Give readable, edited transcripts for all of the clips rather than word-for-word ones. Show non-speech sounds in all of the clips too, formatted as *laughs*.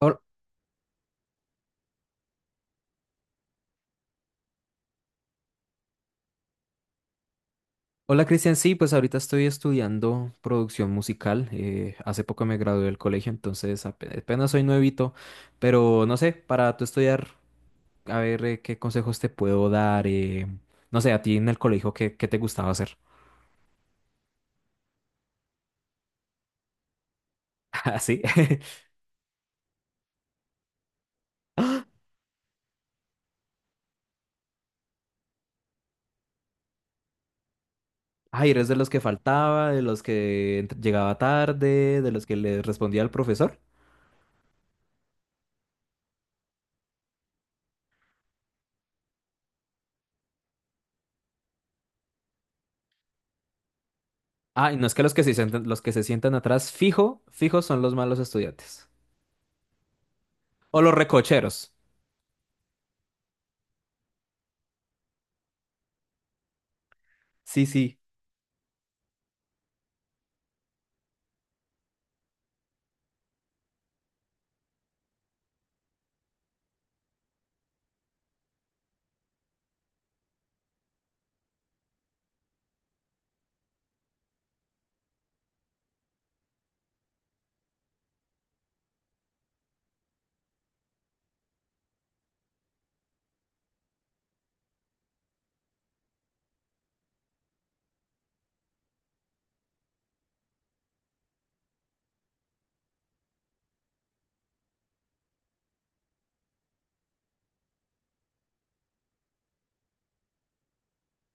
Hol- Hola Cristian, sí, pues ahorita estoy estudiando producción musical. Hace poco me gradué del colegio, entonces apenas soy nuevito, pero no sé, para tú estudiar, a ver, qué consejos te puedo dar. No sé, a ti en el colegio, ¿qué te gustaba hacer? *laughs* Ah, sí. *laughs* Ay, ¿eres de los que faltaba, de los que llegaba tarde, de los que le respondía al profesor? Ah, y no es que los que se sientan, los que se sientan atrás, fijo, fijo son los malos estudiantes. O los recocheros. Sí, sí.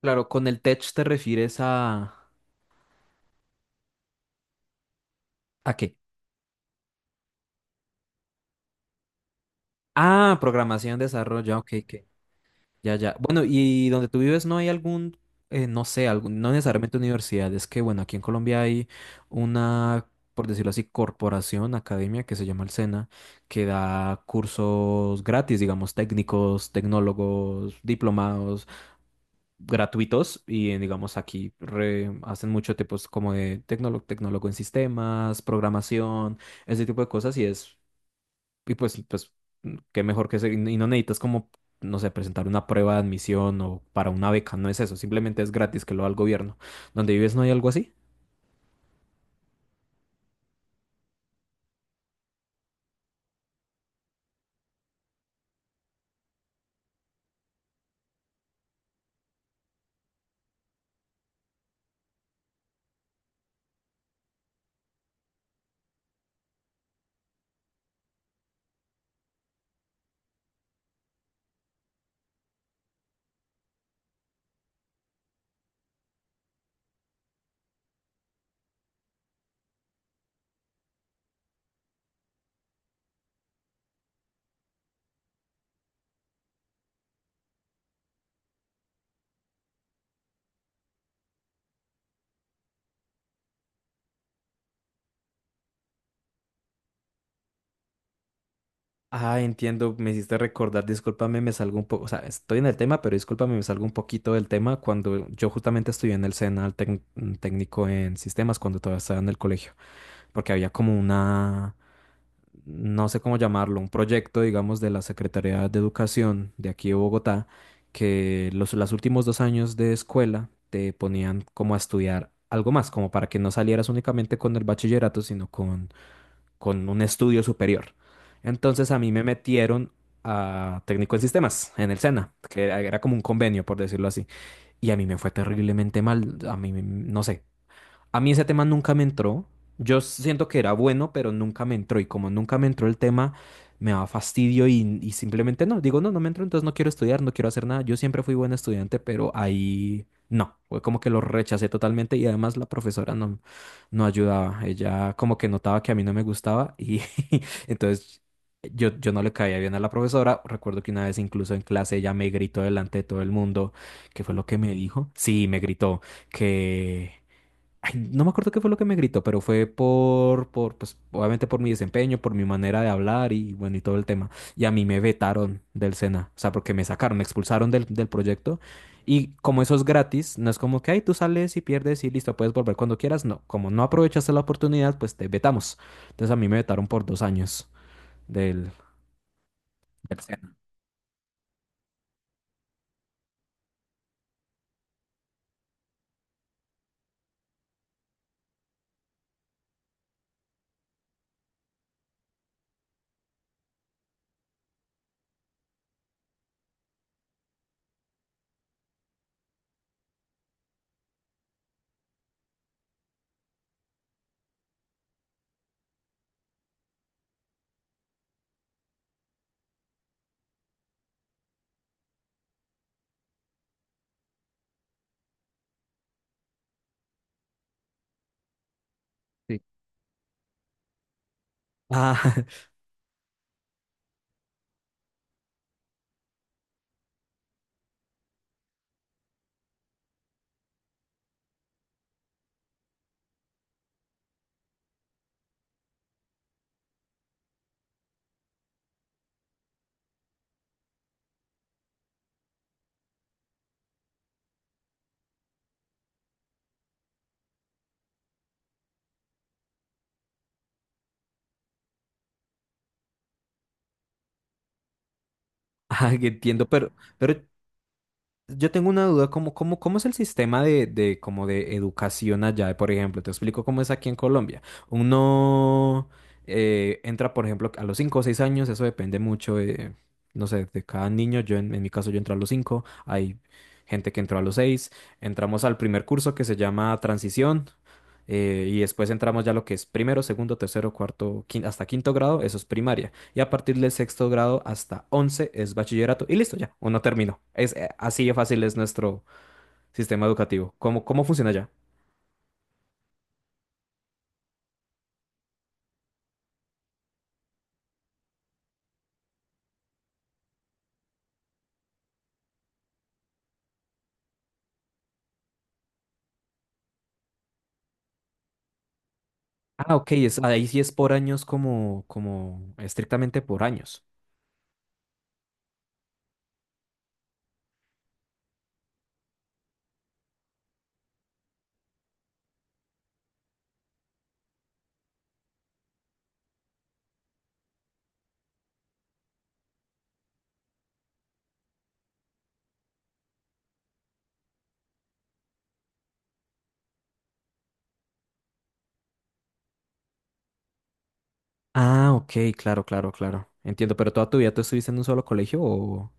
Claro, con el tech te refieres a... ¿A qué? Ah, programación, desarrollo, ok, ok. Ya, ya. Bueno, ¿y donde tú vives no hay algún, no sé, algún, no necesariamente universidad? Es que, bueno, aquí en Colombia hay una, por decirlo así, corporación, academia que se llama el SENA, que da cursos gratis, digamos, técnicos, tecnólogos, diplomados, gratuitos. Y, digamos, aquí hacen mucho tipos como de tecnólogo, tecnólogo en sistemas, programación, ese tipo de cosas. Y es Y pues, qué mejor que y no necesitas como, no sé, presentar una prueba de admisión o para una beca, no es eso, simplemente es gratis, que lo da el gobierno. ¿Donde vives no hay algo así? Ah, entiendo, me hiciste recordar, discúlpame, me salgo un poco, o sea, estoy en el tema, pero discúlpame, me salgo un poquito del tema. Cuando yo justamente estudié en el SENA, el técnico en sistemas, cuando todavía estaba en el colegio, porque había como una, no sé cómo llamarlo, un proyecto, digamos, de la Secretaría de Educación de aquí de Bogotá, que los últimos 2 años de escuela te ponían como a estudiar algo más, como para que no salieras únicamente con el bachillerato, sino con un estudio superior. Entonces a mí me metieron a técnico en sistemas, en el SENA, que era como un convenio, por decirlo así. Y a mí me fue terriblemente mal, a mí, no sé, a mí ese tema nunca me entró. Yo siento que era bueno, pero nunca me entró. Y como nunca me entró el tema, me daba fastidio y simplemente no. Digo, no me entró, entonces no quiero estudiar, no quiero hacer nada. Yo siempre fui buen estudiante, pero ahí no. Fue como que lo rechacé totalmente, y además la profesora no ayudaba. Ella como que notaba que a mí no me gustaba y *laughs* entonces... Yo no le caía bien a la profesora. Recuerdo que una vez incluso en clase ella me gritó delante de todo el mundo. ¿Qué fue lo que me dijo? Sí, me gritó que, ay, no me acuerdo qué fue lo que me gritó, pero fue pues, obviamente por mi desempeño, por mi manera de hablar y bueno, y todo el tema. Y a mí me vetaron del SENA, o sea, porque me sacaron, me expulsaron del proyecto. Y como eso es gratis, no es como que, ay, tú sales y pierdes y listo, puedes volver cuando quieras. No, como no aprovechaste la oportunidad, pues te vetamos. Entonces a mí me vetaron por 2 años del, del SENA. Sí. Ah, *laughs* ah, entiendo, pero yo tengo una duda. ¿Cómo, cómo es el sistema de como de educación allá? Por ejemplo, te explico cómo es aquí en Colombia. Uno, entra, por ejemplo, a los 5 o 6 años, eso depende mucho, no sé, de cada niño. Yo, en mi caso, yo entré a los 5. Hay gente que entró a los 6. Entramos al primer curso, que se llama Transición, y después entramos ya a lo que es primero, segundo, tercero, cuarto, hasta quinto grado, eso es primaria, y a partir del sexto grado hasta 11 es bachillerato, y listo, ya, uno terminó. Así de fácil es nuestro sistema educativo. cómo, funciona ya? Ah, ok, es, ahí sí es por años, como, como estrictamente por años. Ah, ok, claro, claro, claro. Entiendo, ¿pero toda tu vida tú estuviste en un solo colegio o...?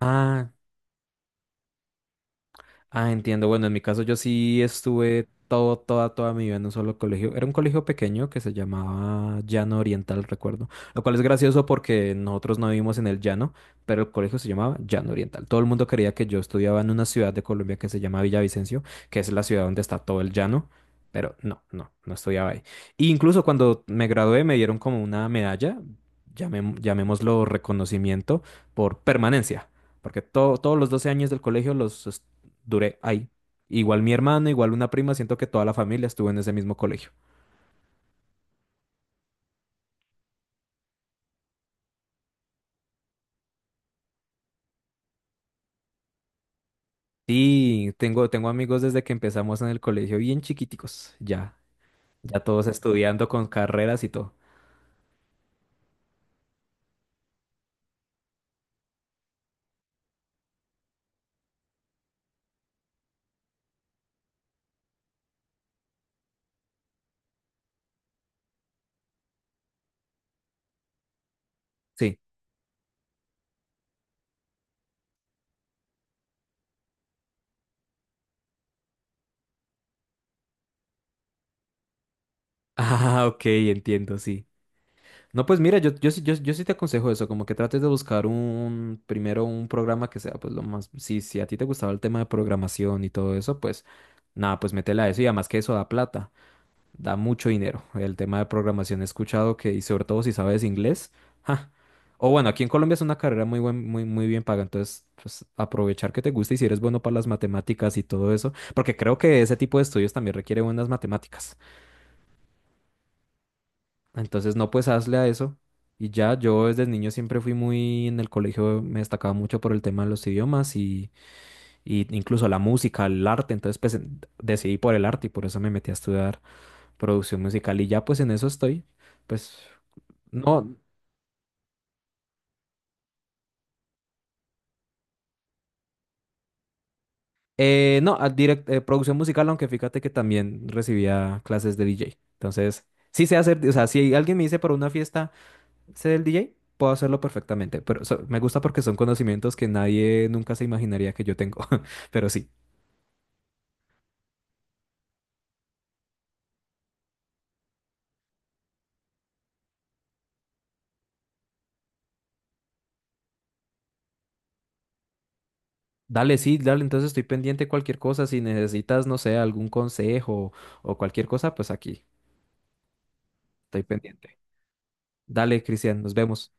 Ah, ah, entiendo. Bueno, en mi caso yo sí estuve toda mi vida en un solo colegio. Era un colegio pequeño que se llamaba Llano Oriental, recuerdo. Lo cual es gracioso porque nosotros no vivimos en el llano, pero el colegio se llamaba Llano Oriental. Todo el mundo quería que yo estudiaba en una ciudad de Colombia que se llama Villavicencio, que es la ciudad donde está todo el llano. Pero no, no, no estudiaba ahí. E incluso cuando me gradué me dieron como una medalla, llamémoslo reconocimiento, por permanencia, porque todos los 12 años del colegio los duré ahí. Igual mi hermano, igual una prima, siento que toda la familia estuvo en ese mismo colegio. Sí, tengo amigos desde que empezamos en el colegio bien chiquiticos, ya, ya todos estudiando con carreras y todo. Sí. *laughs* Ah, ok, entiendo, sí. No, pues mira, yo sí te aconsejo eso, como que trates de buscar un, primero un programa que sea, pues lo más, si a ti te gustaba el tema de programación y todo eso, pues nada, pues métela a eso, y además que eso da plata. Da mucho dinero el tema de programación. He escuchado que, y sobre todo si sabes inglés, ¡ja! O bueno, aquí en Colombia es una carrera muy, muy bien paga. Entonces, pues aprovechar que te gusta, y si eres bueno para las matemáticas y todo eso, porque creo que ese tipo de estudios también requiere buenas matemáticas. Entonces, no, pues hazle a eso. Y ya, yo desde niño siempre fui muy, en el colegio, me destacaba mucho por el tema de los idiomas y incluso la música, el arte. Entonces, pues decidí por el arte, y por eso me metí a estudiar producción musical. Y ya, pues en eso estoy. Pues no, no, producción musical, aunque fíjate que también recibía clases de DJ. Entonces, sí sé hacer, o sea, si alguien me dice para una fiesta, sé del DJ, puedo hacerlo perfectamente. Pero me gusta porque son conocimientos que nadie nunca se imaginaría que yo tengo. *laughs* Pero sí. Dale, sí, dale, entonces estoy pendiente de cualquier cosa. Si necesitas, no sé, algún consejo o cualquier cosa, pues aquí estoy pendiente. Dale, Cristian, nos vemos.